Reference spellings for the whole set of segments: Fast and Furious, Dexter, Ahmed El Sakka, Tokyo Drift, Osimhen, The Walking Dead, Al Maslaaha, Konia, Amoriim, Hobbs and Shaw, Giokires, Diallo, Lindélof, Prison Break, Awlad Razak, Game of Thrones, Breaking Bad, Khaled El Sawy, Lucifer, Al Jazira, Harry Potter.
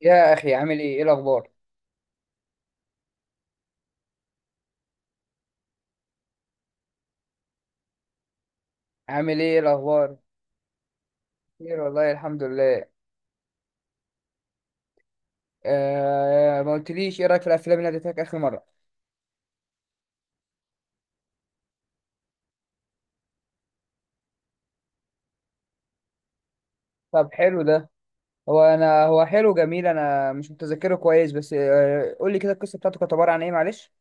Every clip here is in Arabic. يا اخي، عامل ايه، ايه الاخبار؟ عامل ايه، إيه الاخبار؟ خير والله، الحمد لله. آه، ما قلتليش ايه رايك في الافلام اللي اديتك اخر مره؟ طب حلو ده. هو انا، هو حلو جميل، انا مش متذكره كويس، بس قول لي كده، القصه بتاعته كانت عباره عن ايه؟ معلش.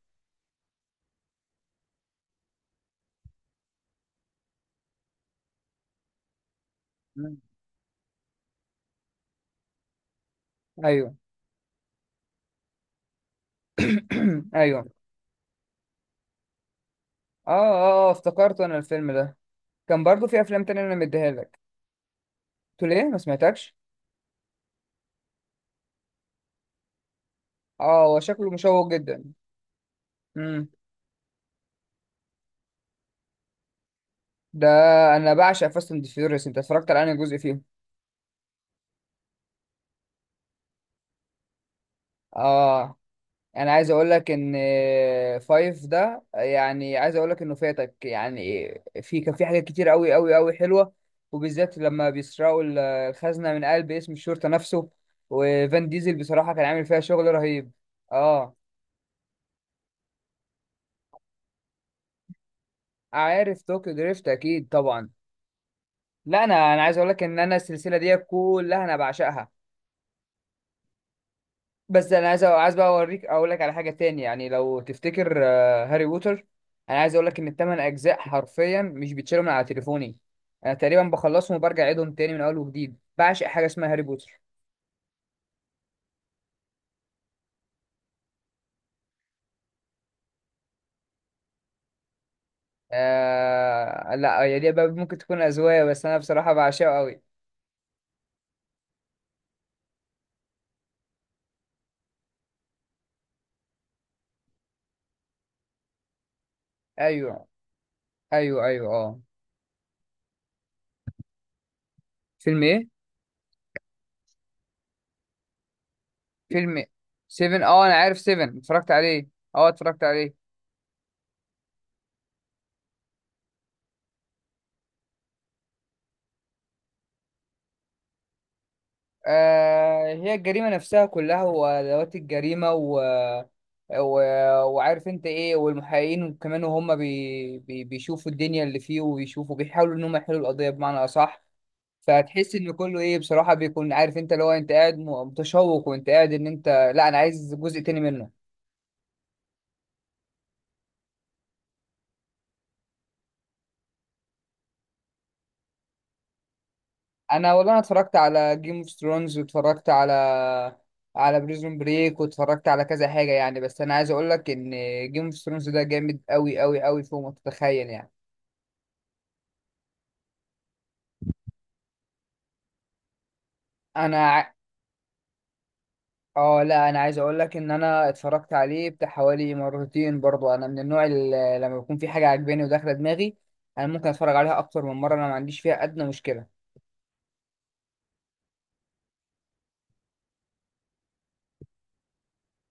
مم. ايوه. ايوه. اه اه، آه، افتكرت انا الفيلم ده. كان برضو في افلام تانية انا مديها لك. قلت ليه ما سمعتكش؟ اه، هو شكله مشوق جدا. امم ده، انا بعشق فاست اند فيوريوس. انت اتفرجت على انهي جزء فيهم؟ اه، انا عايز اقول لك ان فايف ده، يعني عايز اقول لك انه فاتك يعني. كان في حاجات كتير قوي قوي قوي حلوه، وبالذات لما بيسرقوا الخزنه من قلب اسم الشرطه نفسه. وفان ديزل بصراحه كان عامل فيها شغل رهيب. اه، عارف طوكيو دريفت اكيد طبعا. لا، انا عايز اقول لك ان انا السلسله دي كلها انا بعشقها. بس انا عايز بقى اوريك، اقول لك على حاجه تاني، يعني لو تفتكر هاري بوتر. انا عايز اقول لك ان الثمان اجزاء حرفيا مش بيتشالوا من على تليفوني. انا تقريبا بخلصهم وبرجع اعيدهم تاني من اول وجديد، بعشق حاجه اسمها هاري بوتر. آه لا، هي دي بقى ممكن تكون اذواق، بس انا بصراحه بعشقه قوي. ايوه ايوه ايوه، اه. فيلم ايه؟ فيلم 7، اه انا عارف 7، اتفرجت عليه. اه، اتفرجت عليه. آه، هي الجريمة نفسها كلها، وأدوات الجريمة، و... وعارف انت ايه، والمحققين كمان، وهم بيشوفوا الدنيا اللي فيه، وبيشوفوا بيحاولوا ان هم يحلوا القضية بمعنى أصح. فتحس ان كله ايه بصراحة، بيكون عارف انت اللي هو، انت قاعد متشوق، وانت قاعد ان انت. لا، انا عايز جزء تاني منه. انا والله، انا اتفرجت على جيم اوف ثرونز، واتفرجت على بريزون بريك، واتفرجت على كذا حاجة يعني، بس انا عايز اقول لك ان جيم اوف ثرونز ده جامد قوي قوي قوي فوق ما تتخيل يعني. انا ع- اه لا، انا عايز اقول لك ان انا اتفرجت عليه بتاع حوالي مرتين، برضو انا من النوع اللي لما بيكون في حاجه عاجباني وداخله دماغي. انا ممكن اتفرج عليها اكتر من مره، انا ما عنديش فيها ادنى مشكله.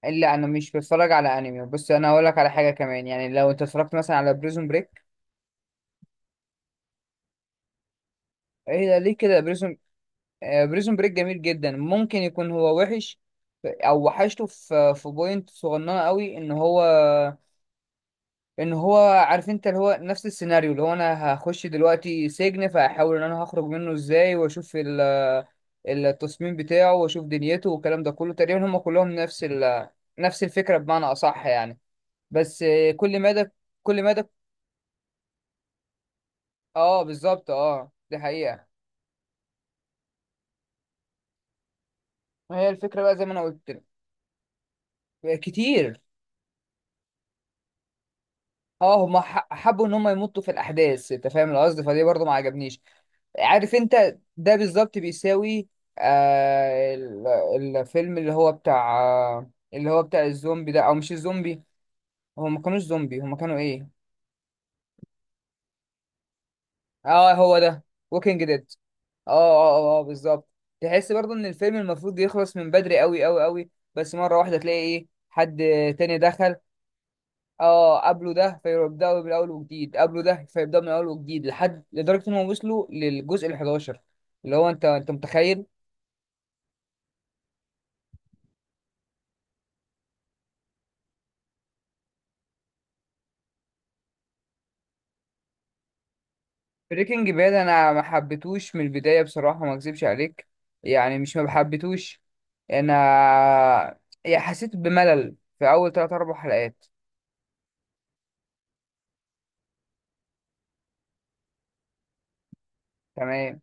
الا، انا مش بتفرج على انمي. بص انا هقول لك على حاجه كمان، يعني لو انت اتفرجت مثلا على بريزون بريك. ايه ده ليه كده؟ بريزون بريك جميل جدا، ممكن يكون هو وحش. او وحشته في بوينت صغننه قوي، ان هو، عارف انت اللي هو نفس السيناريو، اللي هو انا هخش دلوقتي سجن فاحاول ان انا هخرج منه ازاي، واشوف التصميم بتاعه واشوف دنيته والكلام ده كله، تقريبا هم كلهم نفس نفس الفكرة بمعنى اصح يعني. بس كل مادة، اه بالظبط، اه دي حقيقة. هي الفكرة بقى زي ما انا قلت لك كتير. اه، هم حبوا ان هم يمطوا في الاحداث، انت فاهم القصد، فدي برضه ما عجبنيش. عارف انت، ده بالظبط بيساوي الفيلم اللي هو بتاع اللي هو بتاع الزومبي ده، او مش الزومبي، هو ما كانوش زومبي، هما كانوا ايه؟ اه هو ده، ووكينج ديد. اه اه اه، آه بالظبط. تحس برضه ان الفيلم المفروض يخلص من بدري قوي قوي قوي، بس مرة واحدة تلاقي ايه حد تاني دخل. اه، قبله ده فيبدأوا من الاول وجديد، لحد لدرجة انهم وصلوا للجزء ال 11، اللي هو انت متخيل؟ بريكنج باد، انا ما حبيتهوش من البدايه بصراحه، ما اكذبش عليك. يعني مش ما حبيتهوش، انا يعني حسيت بملل في اول 3 4 حلقات. تمام.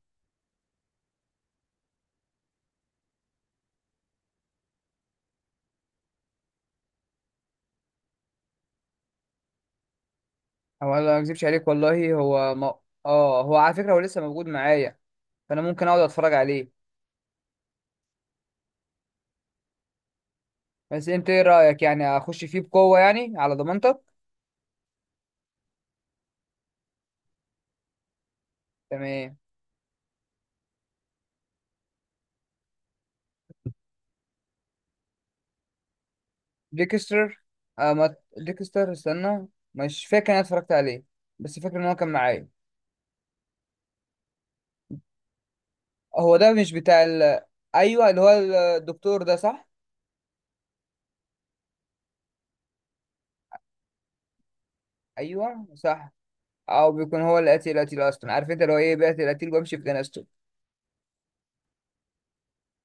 هو أنا ما اكذبش عليك والله، هو ما... اه، هو على فكره، هو لسه موجود معايا، فانا ممكن اقعد اتفرج عليه. بس انت ايه رايك يعني؟ اخش فيه بقوه يعني على ضمانتك؟ تمام. ديكستر، آه ما... ديكستر استنى، مش فاكر انا اتفرجت عليه، بس فاكر ان هو كان معايا. هو ده مش بتاع ايوه، اللي هو الدكتور ده، صح؟ ايوه صح، او بيكون هو القتيل، القتيل اصلا، عارف انت اللي هو ايه، بيقتل القتيل وبمشي في جنازته.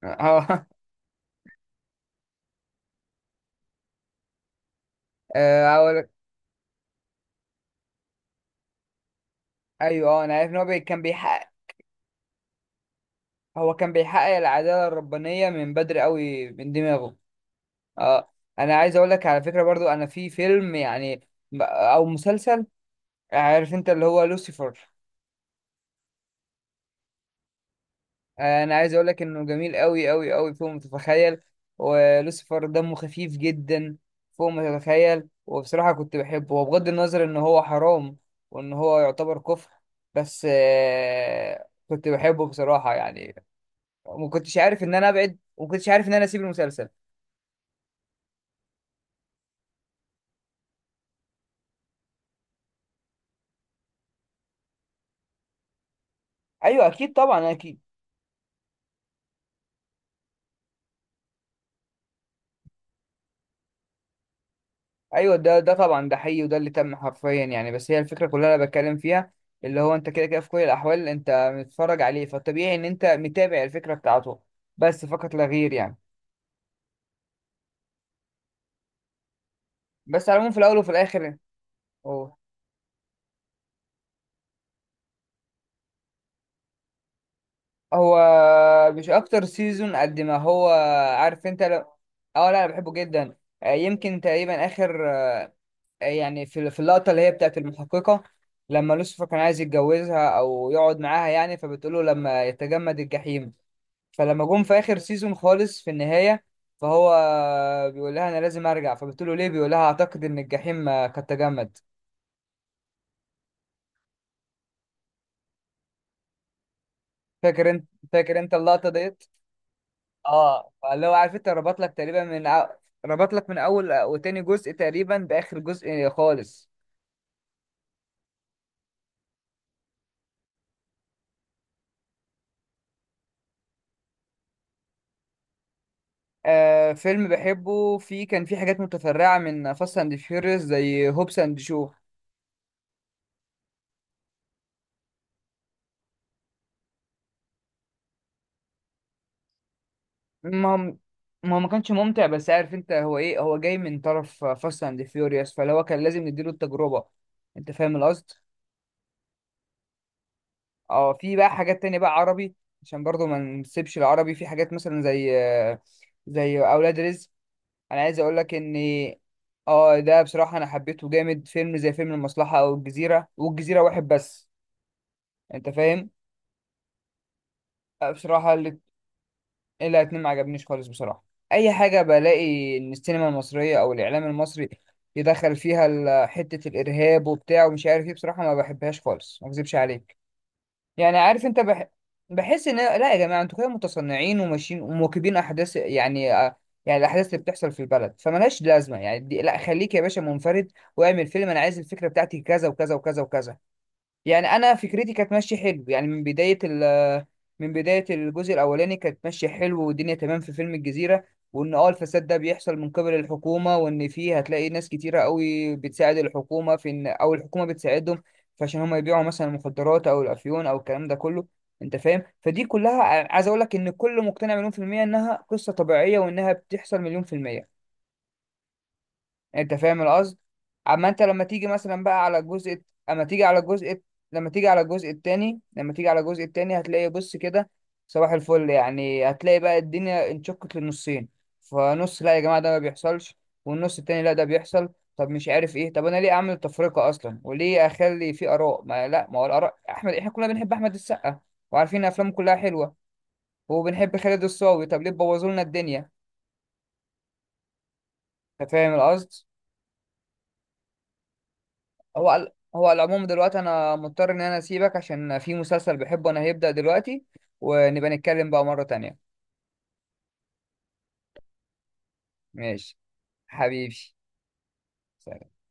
اه. آه، أقول- ايوه، انا عارف ان هو كان بيحقق. هو كان بيحقق العداله الربانيه من بدري قوي من دماغه. اه. انا عايز اقول لك على فكره برضو، انا في فيلم يعني او مسلسل، عارف انت اللي هو لوسيفر. انا عايز اقول لك انه جميل قوي قوي قوي فوق ما تتخيل. ولوسيفر دمه خفيف جدا فوق ما تتخيل، وبصراحه كنت بحبه، وبغض النظر ان هو حرام وان هو يعتبر كفر، بس كنت بحبه بصراحه يعني. ما كنتش عارف ان انا ابعد، وما كنتش عارف ان انا اسيب المسلسل. ايوه اكيد طبعا، اكيد. ايوه، ده طبعا، ده حقيقي، وده اللي تم حرفيا يعني، بس هي الفكره كلها انا بتكلم فيها، اللي هو انت كده كده في كل الاحوال انت متفرج عليه، فالطبيعي ان انت متابع الفكره بتاعته، بس فقط لا غير يعني. بس على العموم، في الاول وفي الاخر، هو هو مش اكتر سيزون قد ما هو، عارف انت لو. اه لا، انا بحبه جدا. يمكن تقريبا اخر، يعني في اللقطه اللي هي بتاعت المحققه لما لوسيفر كان عايز يتجوزها او يقعد معاها يعني، فبتقول له لما يتجمد الجحيم. فلما جم في اخر سيزون خالص في النهايه، فهو بيقول لها انا لازم ارجع، فبتقول له ليه، بيقول لها اعتقد ان الجحيم قد تجمد. فاكر انت؟ اللقطه ديت؟ اه، فاللي هو عارف انت، ربط لك تقريبا من ربط لك من اول وتاني جزء تقريبا باخر جزء خالص. آه، فيلم بحبه فيه، كان فيه حاجات متفرعه من فاست اند فيوريوس زي هوبس اند شو. ما هو ما هو ما كانش ممتع، بس عارف انت هو ايه، هو جاي من طرف فاست اند فيوريوس، فاللي هو كان لازم نديله التجربة. انت فاهم القصد. اه، في بقى حاجات تانية بقى عربي، عشان برضو ما نسيبش العربي، في حاجات مثلا زي اولاد رزق. انا عايز اقول لك ان اه ده بصراحة انا حبيته جامد، فيلم زي فيلم المصلحة، او الجزيرة، والجزيرة واحد بس، انت فاهم، بصراحة الاتنين. لا، اتنين ما عجبنيش خالص بصراحة. اي حاجة بلاقي ان السينما المصرية او الاعلام المصري يدخل فيها حتة الارهاب وبتاع ومش عارف ايه، بصراحة ما بحبهاش خالص ما اكذبش عليك، يعني عارف انت، بحس ان لا يا جماعة، انتوا كده متصنعين وماشيين ومواكبين احداث يعني، يعني الاحداث اللي بتحصل في البلد فملهاش لازمة يعني، لا، خليك يا باشا منفرد، واعمل فيلم انا عايز الفكرة بتاعتي كذا وكذا وكذا وكذا. يعني انا فكرتي كانت ماشيه حلو، يعني من بدايه من بدايه الجزء الاولاني كانت ماشيه حلو، والدنيا تمام في فيلم الجزيره. وان اه الفساد ده بيحصل من قبل الحكومه، وان فيه هتلاقي ناس كتيره قوي بتساعد الحكومه في ان، او الحكومه بتساعدهم، فعشان هم يبيعوا مثلا المخدرات او الافيون او الكلام ده كله. انت فاهم، فدي كلها، عايز اقول لك ان كل مقتنع مليون في الميه انها قصه طبيعيه، وانها بتحصل مليون في الميه. انت فاهم القصد. اما انت لما تيجي مثلا بقى على الجزء، اما تيجي على الجزء لما تيجي على الجزء التاني، هتلاقي بص كده، صباح الفل، يعني هتلاقي بقى الدنيا انشقت للنصين. فنص لا يا جماعة، ده ما بيحصلش، والنص التاني لا، ده بيحصل. طب مش عارف ايه، طب انا ليه اعمل تفرقة اصلا، وليه اخلي في اراء؟ ما لا، ما هو الاراء، احمد احنا كلنا بنحب احمد السقا، وعارفين افلامه كلها حلوة، وبنحب خالد الصاوي، طب ليه بوظوا لنا الدنيا؟ انت فاهم القصد. هو على العموم دلوقتي، انا مضطر ان انا اسيبك عشان في مسلسل بحبه انا هيبدأ دلوقتي، ونبقى نتكلم بقى مرة تانية. ماشي، حبيبي، سلام.